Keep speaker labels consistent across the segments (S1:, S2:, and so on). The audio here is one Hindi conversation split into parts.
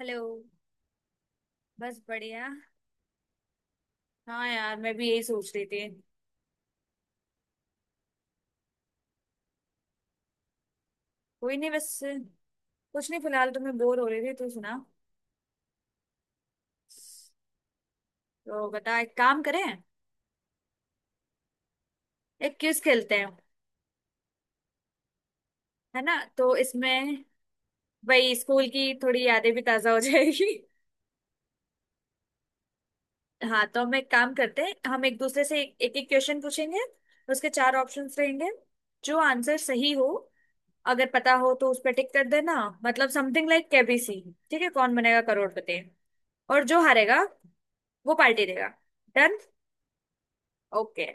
S1: हेलो। बस बढ़िया। हाँ यार, मैं भी यही सोच रही थी। कोई नहीं, बस कुछ नहीं। फिलहाल तो मैं बोर हो रही थी, तू सुना। तो बता, एक काम करें, एक क्विज खेलते हैं। है ना, तो इसमें वही स्कूल की थोड़ी यादें भी ताजा हो जाएगी। हाँ, तो हम एक काम करते हैं, हम एक दूसरे से एक एक क्वेश्चन पूछेंगे। उसके चार ऑप्शंस रहेंगे। जो आंसर सही हो, अगर पता हो तो उस पर टिक कर देना। मतलब समथिंग लाइक KBC, ठीक है, कौन बनेगा करोड़पति। और जो हारेगा वो पार्टी देगा। डन। ओके।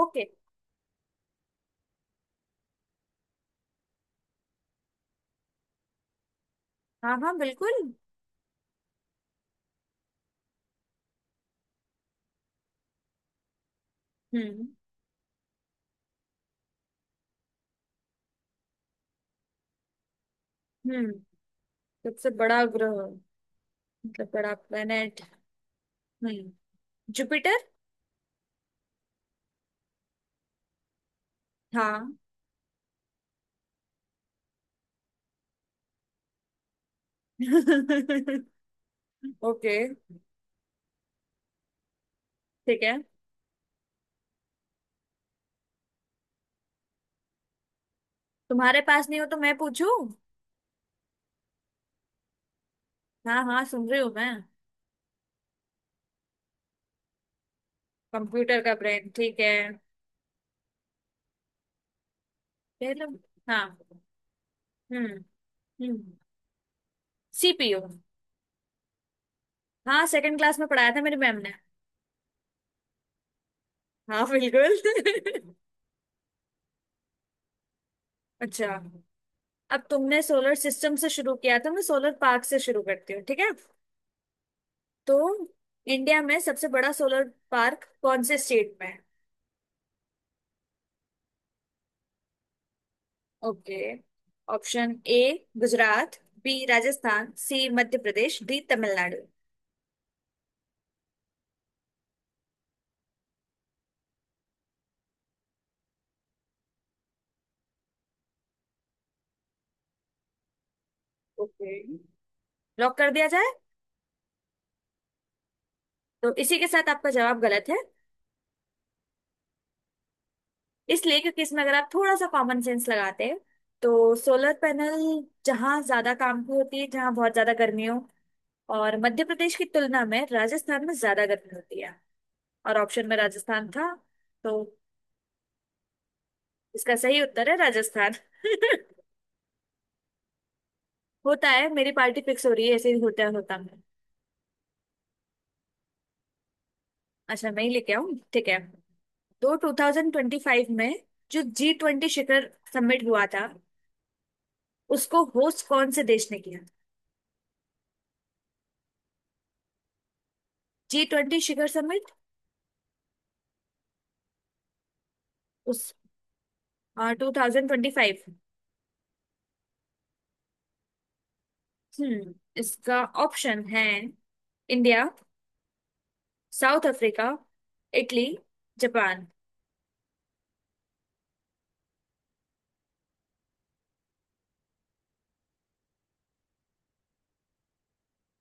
S1: ओके। हाँ हाँ बिल्कुल। हम्म हम्म सबसे बड़ा ग्रह, मतलब बड़ा प्लेनेट। हम्म जुपिटर। हाँ। ओके। ठीक है, तुम्हारे पास नहीं हो तो मैं पूछूं। हाँ हाँ, सुन रही हूँ मैं। कंप्यूटर का ब्रेन, ठीक है। चलो। हाँ। हम्म हम्म CPU। हाँ, सेकंड क्लास में पढ़ाया था मेरी मैम ने। हाँ बिल्कुल। अच्छा, अब तुमने सोलर सिस्टम से शुरू किया था, मैं सोलर पार्क से शुरू करती हूँ, ठीक है। तो इंडिया में सबसे बड़ा सोलर पार्क कौन से स्टेट में है। Okay. Option A Gujarat, B Rajasthan, C Madhya Pradesh, D Tamil Nadu. Okay, lock कर दिया जाए। तो इसी के साथ आपका जवाब गलत है। इसलिए क्योंकि इसमें अगर आप थोड़ा सा कॉमन सेंस लगाते हैं, तो सोलर पैनल जहाँ ज्यादा काम की होती है, जहाँ बहुत ज्यादा गर्मी हो। और मध्य प्रदेश की तुलना में राजस्थान में ज्यादा गर्मी होती है, और ऑप्शन में राजस्थान था। तो इसका सही उत्तर है राजस्थान। होता है, मेरी पार्टी फिक्स हो रही है, ऐसे ही होता है होता है। अच्छा, मैं ही लेके आऊँ, ठीक है। तो 2025 में जो G20 शिखर समिट हुआ था, उसको होस्ट कौन से देश ने किया। G20 शिखर समिट, उस 2025। हम्म इसका ऑप्शन है India, South Africa, Italy, Japan.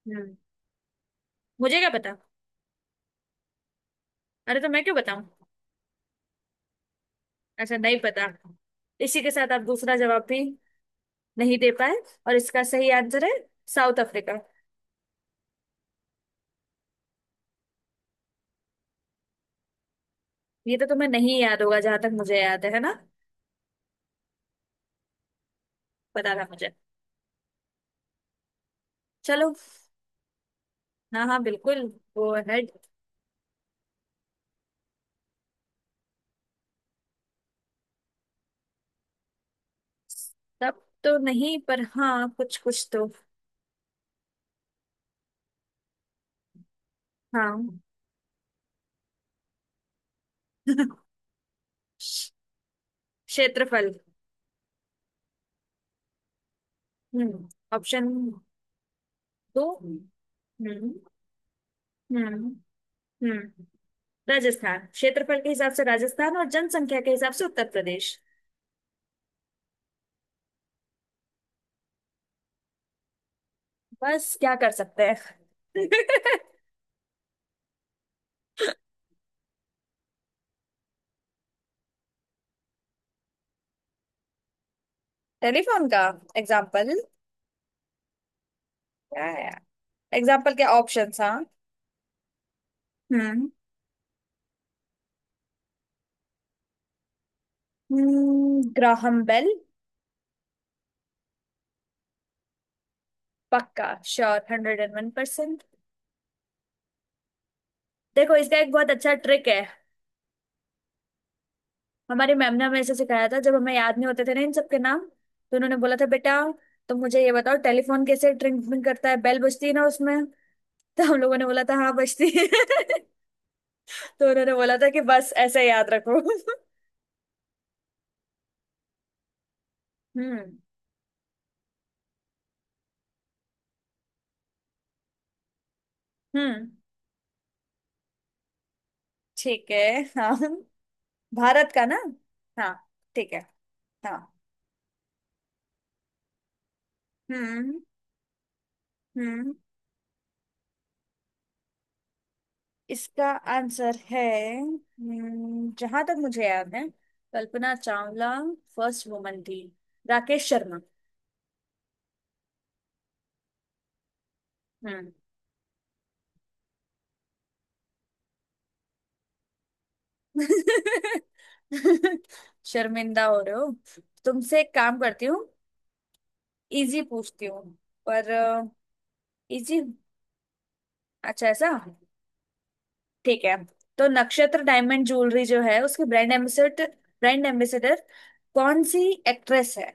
S1: हम्म मुझे क्या पता। अरे तो मैं क्यों बताऊं। अच्छा नहीं पता। इसी के साथ आप दूसरा जवाब भी नहीं दे पाए। और इसका सही आंसर है साउथ अफ्रीका। ये तो तुम्हें नहीं याद होगा, जहां तक मुझे याद है ना। पता था मुझे। चलो, हाँ हाँ बिल्कुल, गो अहेड। सब तो नहीं पर हाँ, कुछ कुछ तो। हाँ। क्षेत्रफल। हम्म। ऑप्शन दो। हम्म। हम्म। हम्म राजस्थान, क्षेत्रफल के हिसाब से राजस्थान और जनसंख्या के हिसाब से उत्तर प्रदेश। बस क्या कर सकते हैं। टेलीफोन का एग्जाम्पल क्या है। एग्जाम्पल के ऑप्शंस, हाँ। हम्म ग्राहम बेल। पक्का श्योर, 101%। देखो, इसका एक बहुत अच्छा ट्रिक है। हमारी मैम ने हमें ऐसे सिखाया था, जब हमें याद नहीं होते थे ना इन सबके नाम, तो उन्होंने बोला था, बेटा तो मुझे ये बताओ, टेलीफोन कैसे ट्रिंग ट्रिंग करता है, बेल बजती है ना उसमें। तो हम लोगों ने बोला था हाँ बजती है। तो उन्होंने बोला था कि बस ऐसे याद रखो। हम्म। हम्म। ठीक है। हाँ, भारत का ना। हाँ, ठीक है। था। हम्म। हम्म इसका आंसर है। जहां तक मुझे याद है कल्पना चावला फर्स्ट वुमन थी, राकेश शर्मा। हम्म। शर्मिंदा हो रहे हो। तुमसे एक काम करती हूँ, इजी पूछती हूँ, पर इजी। अच्छा, ऐसा, ठीक है। तो नक्षत्र डायमंड ज्वेलरी जो है, उसके ब्रांड एम्बेसडर, ब्रांड एम्बेसडर कौन सी एक्ट्रेस है।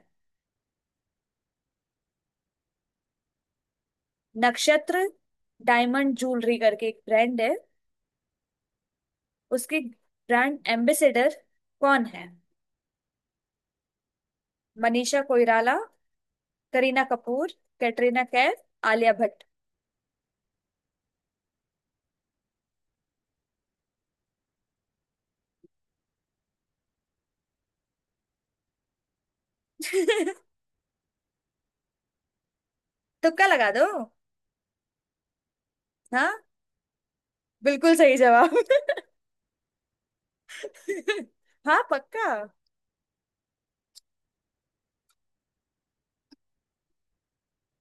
S1: नक्षत्र डायमंड ज्वेलरी करके एक ब्रांड है, उसके ब्रांड एम्बेसडर कौन है। मनीषा कोइराला, करीना कपूर, कैटरीना कैफ, आलिया भट्ट। तुक्का लगा दो। हाँ, बिल्कुल सही जवाब। हाँ पक्का।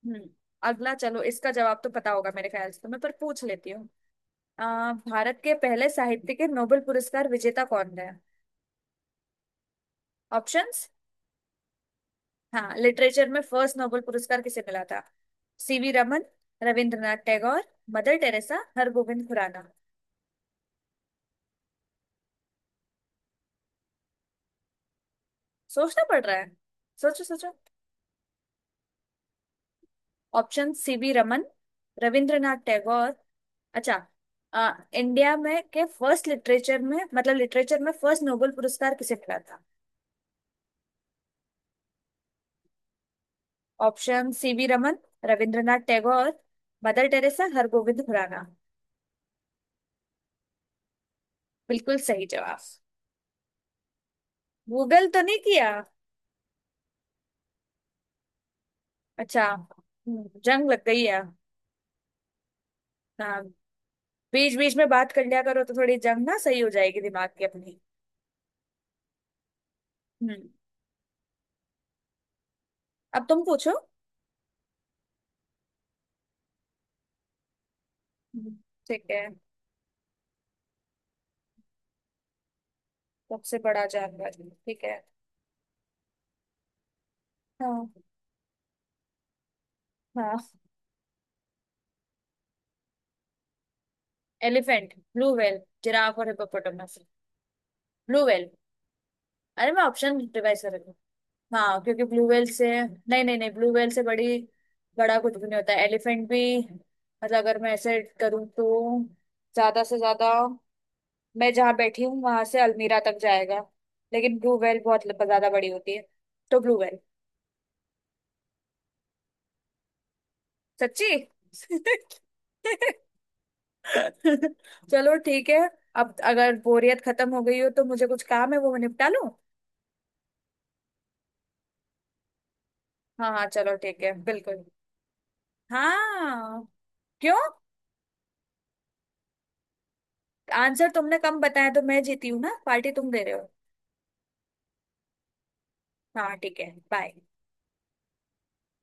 S1: हम्म। अगला चलो, इसका जवाब तो पता होगा मेरे ख्याल से तुम्हें, पर पूछ लेती हूँ। भारत के पहले साहित्य के नोबेल पुरस्कार विजेता कौन है। ऑप्शन, हाँ, लिटरेचर में फर्स्ट नोबेल पुरस्कार किसे मिला था। CV Raman, Rabindranath Tagore, Mother Teresa, Hargobind Khorana. सोचना पड़ रहा है, सोचो सोचो। Option CV Raman, Rabindranath Tagore. अच्छा। इंडिया में के फर्स्ट लिटरेचर में, मतलब लिटरेचर में फर्स्ट नोबेल पुरस्कार किसे मिला था। Option CV Raman, Rabindranath Tagore, Mother Teresa, Hargobind Khorana. बिल्कुल सही जवाब। गूगल तो नहीं किया। अच्छा। जंग लग गई है। हाँ, बीच बीच में बात कर लिया करो, तो थोड़ी जंग ना सही हो जाएगी दिमाग की अपनी। हम्म। अब तुम पूछो। हम्म। ठीक है, सबसे बड़ा जानवर, ठीक है। हाँ। हाँ, एलिफेंट ब्लू व्हेल जिराफ और हिप्पोपोटामस, ब्लू व्हेल। अरे मैं ऑप्शन रिवाइज कर रही हूँ। हाँ, क्योंकि ब्लू व्हेल से नहीं, नहीं नहीं, ब्लू व्हेल से बड़ी, बड़ा कुछ भी नहीं होता, एलिफेंट भी, मतलब अगर मैं ऐसे करूँ तो ज्यादा से ज्यादा मैं जहाँ बैठी हूँ वहां से अलमीरा तक जाएगा। लेकिन ब्लू व्हेल बहुत ज्यादा बड़ी होती है, तो ब्लू व्हेल। सच्ची। चलो, ठीक है। अब अगर बोरियत खत्म हो गई हो तो मुझे कुछ काम है, वो मैं निपटा लूँ। हाँ हाँ चलो ठीक है बिल्कुल। हाँ। क्यों। आंसर तुमने कम बताया तो मैं जीती हूँ ना, पार्टी तुम दे रहे हो। हाँ ठीक है, बाय।